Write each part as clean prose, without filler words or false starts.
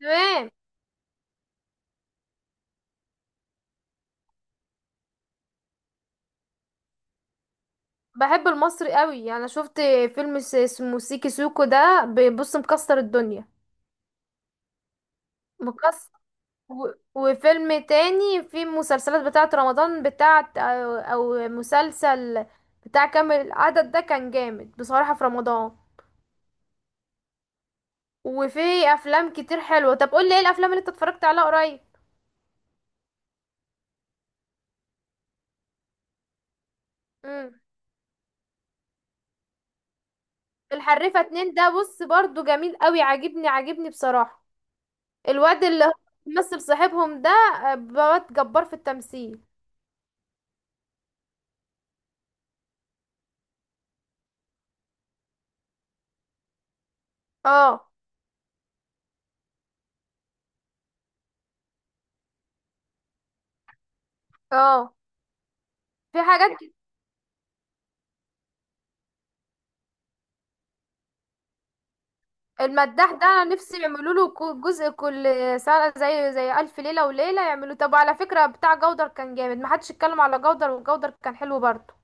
تمام. بحب المصري قوي، يعني شفت فيلم اسمه سيكي سوكو ده، بيبص مكسر الدنيا، مكسر و... وفيلم تاني. في مسلسلات بتاعة رمضان بتاعة أو مسلسل بتاع كامل العدد ده، كان جامد بصراحة في رمضان. وفي أفلام كتير حلوة. طب قول لي، ايه الأفلام اللي انت اتفرجت عليها قريب؟ امم الحريفة اتنين ده، بص برضو جميل قوي، عاجبني بصراحة. الواد اللي هو بيمثل صاحبهم ده، بواد جبار في التمثيل. اه. اه. في حاجات المداح ده انا نفسي يعملوا له جزء كل سنة، زي ألف ليلة وليلة، يعملوا. طب على فكرة، بتاع جودر كان جامد، محدش اتكلم على جودر، وجودر كان حلو برضه.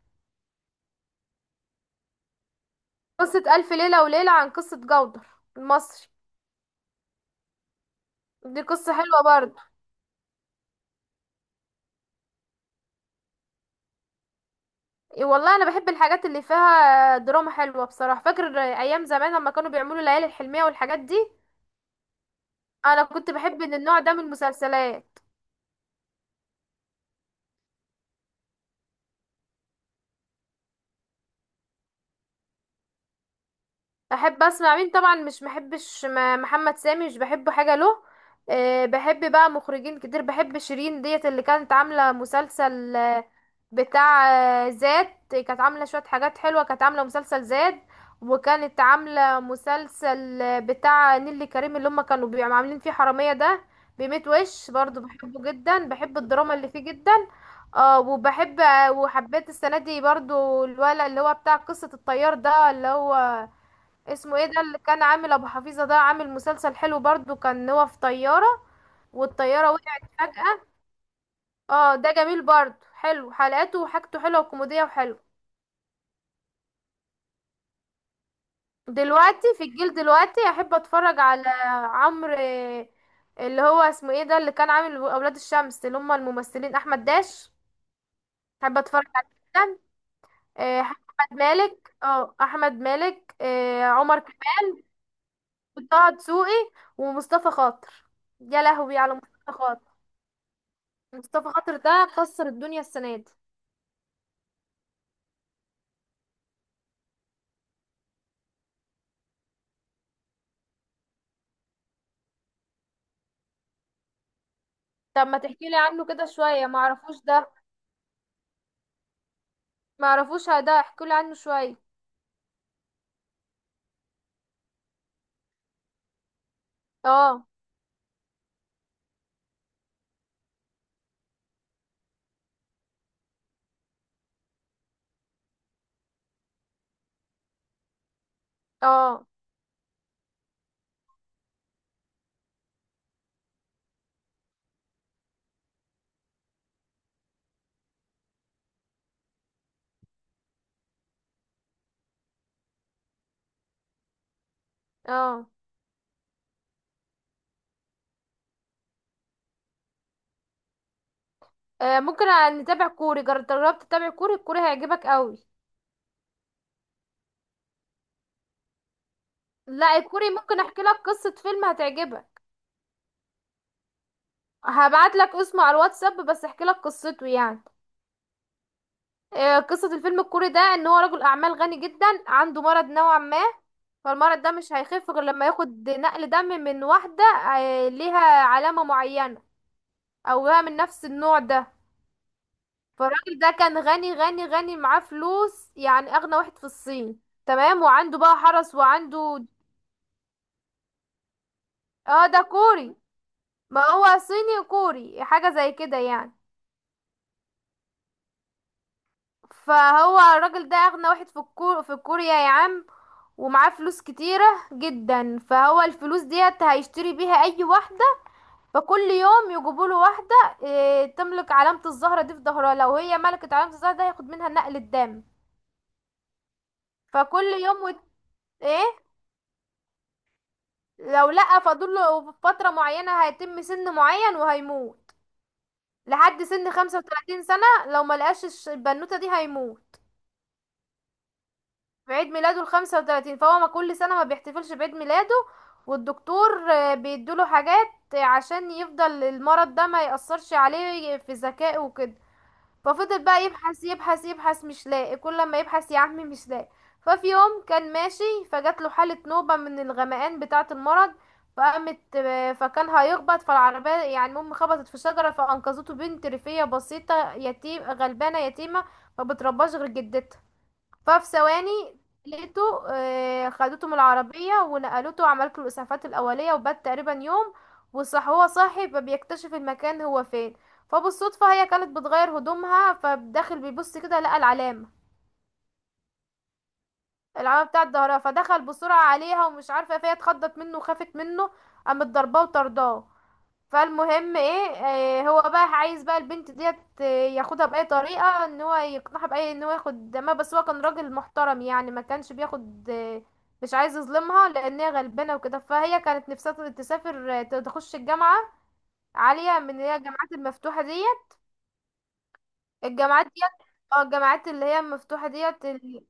قصة ألف ليلة وليلة عن قصة جودر المصري. دي قصة حلوة برضه. إيه والله، أنا بحب الحاجات اللي فيها دراما حلوة بصراحة. فاكر أيام زمان لما كانوا بيعملوا ليالي الحلمية والحاجات دي، أنا كنت بحب إن النوع ده من المسلسلات. احب اسمع مين؟ طبعا مش محبش محمد سامي، مش بحبه حاجه له. أه، بحب بقى مخرجين كتير. بحب شيرين ديت، اللي كانت عامله مسلسل بتاع زاد. كانت عامله شويه حاجات حلوه، كانت عامله مسلسل زاد، وكانت عامله مسلسل بتاع نيللي كريم، اللي هم كانوا بيبقوا عاملين فيه حراميه ده. بميت وش برضو بحبه جدا، بحب الدراما اللي فيه جدا. اه وبحب وحبيت السنه دي برضو الولد اللي هو بتاع قصه الطيار ده، اللي هو اسمه ايه ده، اللي كان عامل ابو حفيظه ده. عامل مسلسل حلو برضو، كان هو في طياره والطياره وقعت فجاه. اه، ده جميل برضو. حلو حلقاته وحاجته حلوه وكوميديه وحلو. دلوقتي في الجيل دلوقتي، احب اتفرج على عمرو اللي هو اسمه ايه ده، اللي كان عامل اولاد الشمس، اللي هم الممثلين احمد داش. احب اتفرج عليه جدا. آه، احمد مالك. اه، احمد مالك، عمر كمال، وطه دسوقي، ومصطفى خاطر. يا لهوي على مصطفى خاطر! مصطفى خاطر ده كسر الدنيا السنة دي. طب ما تحكي لي عنه كده شوية، معرفوش ده. معرفوش ده، احكي لي عنه شوية. اه. اه. اه. ممكن نتابع كوري. جربت تتابع كوري؟ الكوري هيعجبك قوي. لا، الكوري ممكن احكي لك قصة فيلم هتعجبك. هبعت لك اسمه على الواتساب، بس احكي لك قصته يعني. قصة الفيلم الكوري ده، ان هو رجل اعمال غني جدا، عنده مرض نوعا ما. فالمرض ده مش هيخف غير لما ياخد نقل دم من واحدة ليها علامة معينة، او بقى من نفس النوع ده. فالراجل ده كان غني معاه فلوس، يعني اغنى واحد في الصين. تمام. وعنده بقى حرس وعنده. اه، ده كوري. ما هو صيني كوري حاجة زي كده يعني. فهو الراجل ده اغنى واحد في في كوريا يا عم. ومعاه فلوس كتيرة جدا. فهو الفلوس ديت هيشتري بيها اي واحدة. فكل يوم يجيبوا له واحدة إيه، تملك علامة الزهرة دي في ظهرها. لو هي ملكت علامة الزهرة ده، هياخد منها نقل الدم. فكل يوم وت... ايه. لو لأ، فاضل له فترة معينة، هيتم سن معين وهيموت. لحد سن 35 سنة، لو ما لقاش البنوتة دي هيموت. في عيد ميلاده ال 35. فهو ما كل سنة ما بيحتفلش بعيد ميلاده، والدكتور بيدوله حاجات عشان يفضل المرض ده ما يأثرش عليه في ذكائه وكده. ففضل بقى يبحث يبحث، مش لاقي. كل لما يبحث يا عمي مش لاقي. ففي يوم كان ماشي، فجات له حالة نوبة من الغمقان بتاعة المرض. فقامت آه، فكان هيخبط فالعربية يعني. المهم خبطت في شجرة، فأنقذته بنت ريفية بسيطة، يتيم غلبانة يتيمة، ما بترباش غير جدتها. ففي ثواني لقيته، خدته من العربية ونقلته وعملت له الإسعافات الأولية، وبات تقريبا يوم. وصح هو صاحي، فبيكتشف المكان هو فين. فبالصدفة هي كانت بتغير هدومها، فداخل بيبص كده لقى العلامة، العلامة بتاعة ظهرها. فدخل بسرعة عليها ومش عارفة فهي اتخضت منه وخافت منه، قامت ضرباه وطرداه. فالمهم ايه، هو بقى عايز بقى البنت ديت آه، ياخدها بأي طريقة، ان هو يقنعها بأي ان هو ياخد. ما بس هو كان راجل محترم يعني، ما كانش بياخد مش عايز يظلمها، لان هي غلبانة وكده. فهي كانت نفسها تسافر تخش الجامعة عالية، من اللي هي الجامعات المفتوحة ديت، الجامعات ديت. اه، الجامعات اللي هي المفتوحة ديت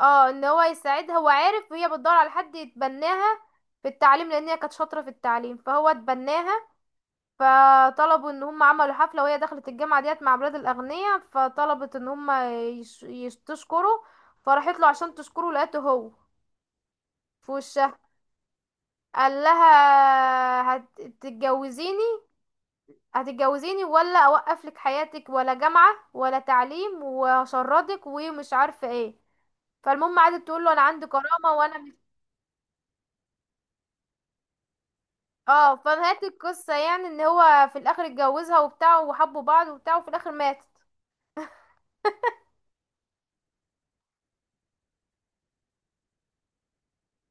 اه، ان هو يساعدها. هو عارف وهي بتدور على حد يتبناها في التعليم، لان هي كانت شاطرة في التعليم. فهو اتبناها. فطلبوا ان هم عملوا حفلة، وهي دخلت الجامعة ديت مع بلاد الاغنياء. فطلبت ان هم تشكره. فراحت له عشان تشكره، لقيته هو في وشها. قال لها هتتجوزيني. هتتجوزيني، ولا اوقف لك حياتك ولا جامعة ولا تعليم، وهشردك ومش عارفة ايه. فالمهم قعدت تقول له انا عندي كرامة وانا مش. اه، فنهاية القصة يعني، ان هو في الاخر اتجوزها وبتاع، وحبوا بعض وبتاع، وفي الاخر ماتت.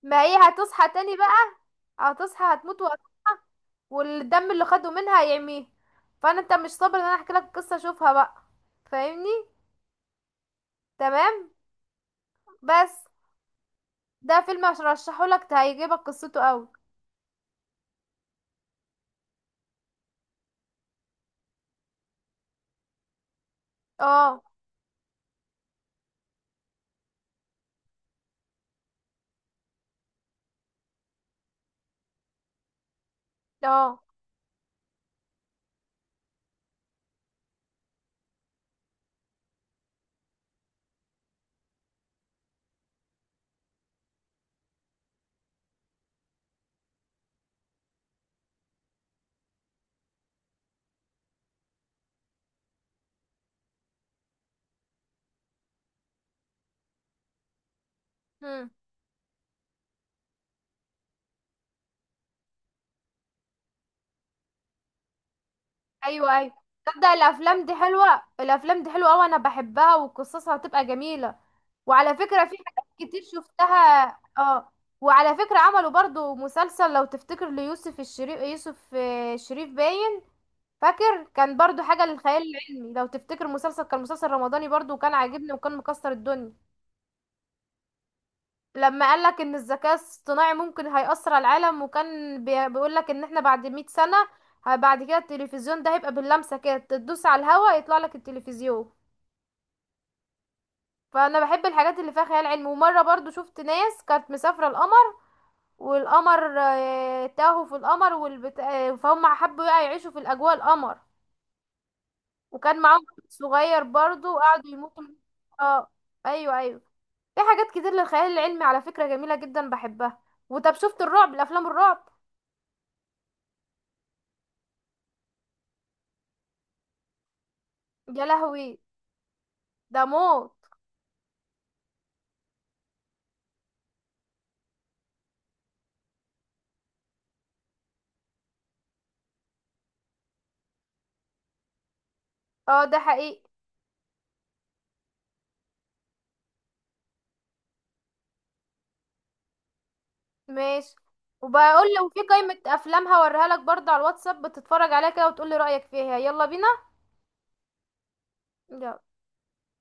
ما هي هتصحى تاني بقى. هتصحى. هتموت وهتصحى، والدم اللي خده منها هيعميه. فانا انت مش صابر ان انا احكي لك قصه اشوفها بقى؟ فاهمني؟ تمام. بس ده فيلم عشان ارشحه لك، هيعجبك قصته قوي. اه. اه. امم. ايوه، ايوه. تبدأ الافلام دي حلوه، الافلام دي حلوه قوي، انا بحبها وقصصها هتبقى جميله. وعلى فكره في حاجات كتير شفتها. اه. وعلى فكره عملوا برضو مسلسل، لو تفتكر، ليوسف الشريف. يوسف الشريف باين. فاكر كان برضو حاجة للخيال العلمي لو تفتكر، مسلسل، كان مسلسل رمضاني برضو، وكان عاجبني وكان مكسر الدنيا. لما قالك ان الذكاء الاصطناعي ممكن هيأثر على العالم، وكان بيقولك ان احنا بعد مئة سنة، بعد كده التلفزيون ده هيبقى باللمسة كده، تدوس على الهوا يطلع لك التلفزيون. فانا بحب الحاجات اللي فيها خيال علمي. ومرة برضو شفت ناس كانت مسافرة القمر، والقمر تاهوا في القمر والبت... آه، فهم حبوا بقى يعيشوا في الاجواء القمر. وكان معاهم واحد صغير برضو، قعدوا يموتوا اه. ايوه، ايوه. في حاجات كتير للخيال العلمي على فكرة جميلة جدا، بحبها. وطب شفت الرعب، الافلام الرعب؟ يا لهوي، ده موت. اه، ده حقيقي. ماشي. وبقول لو في قائمة افلام هوريها لك برضه على الواتساب، بتتفرج عليها كده وتقول لي رأيك فيها. يلا بينا. يلا.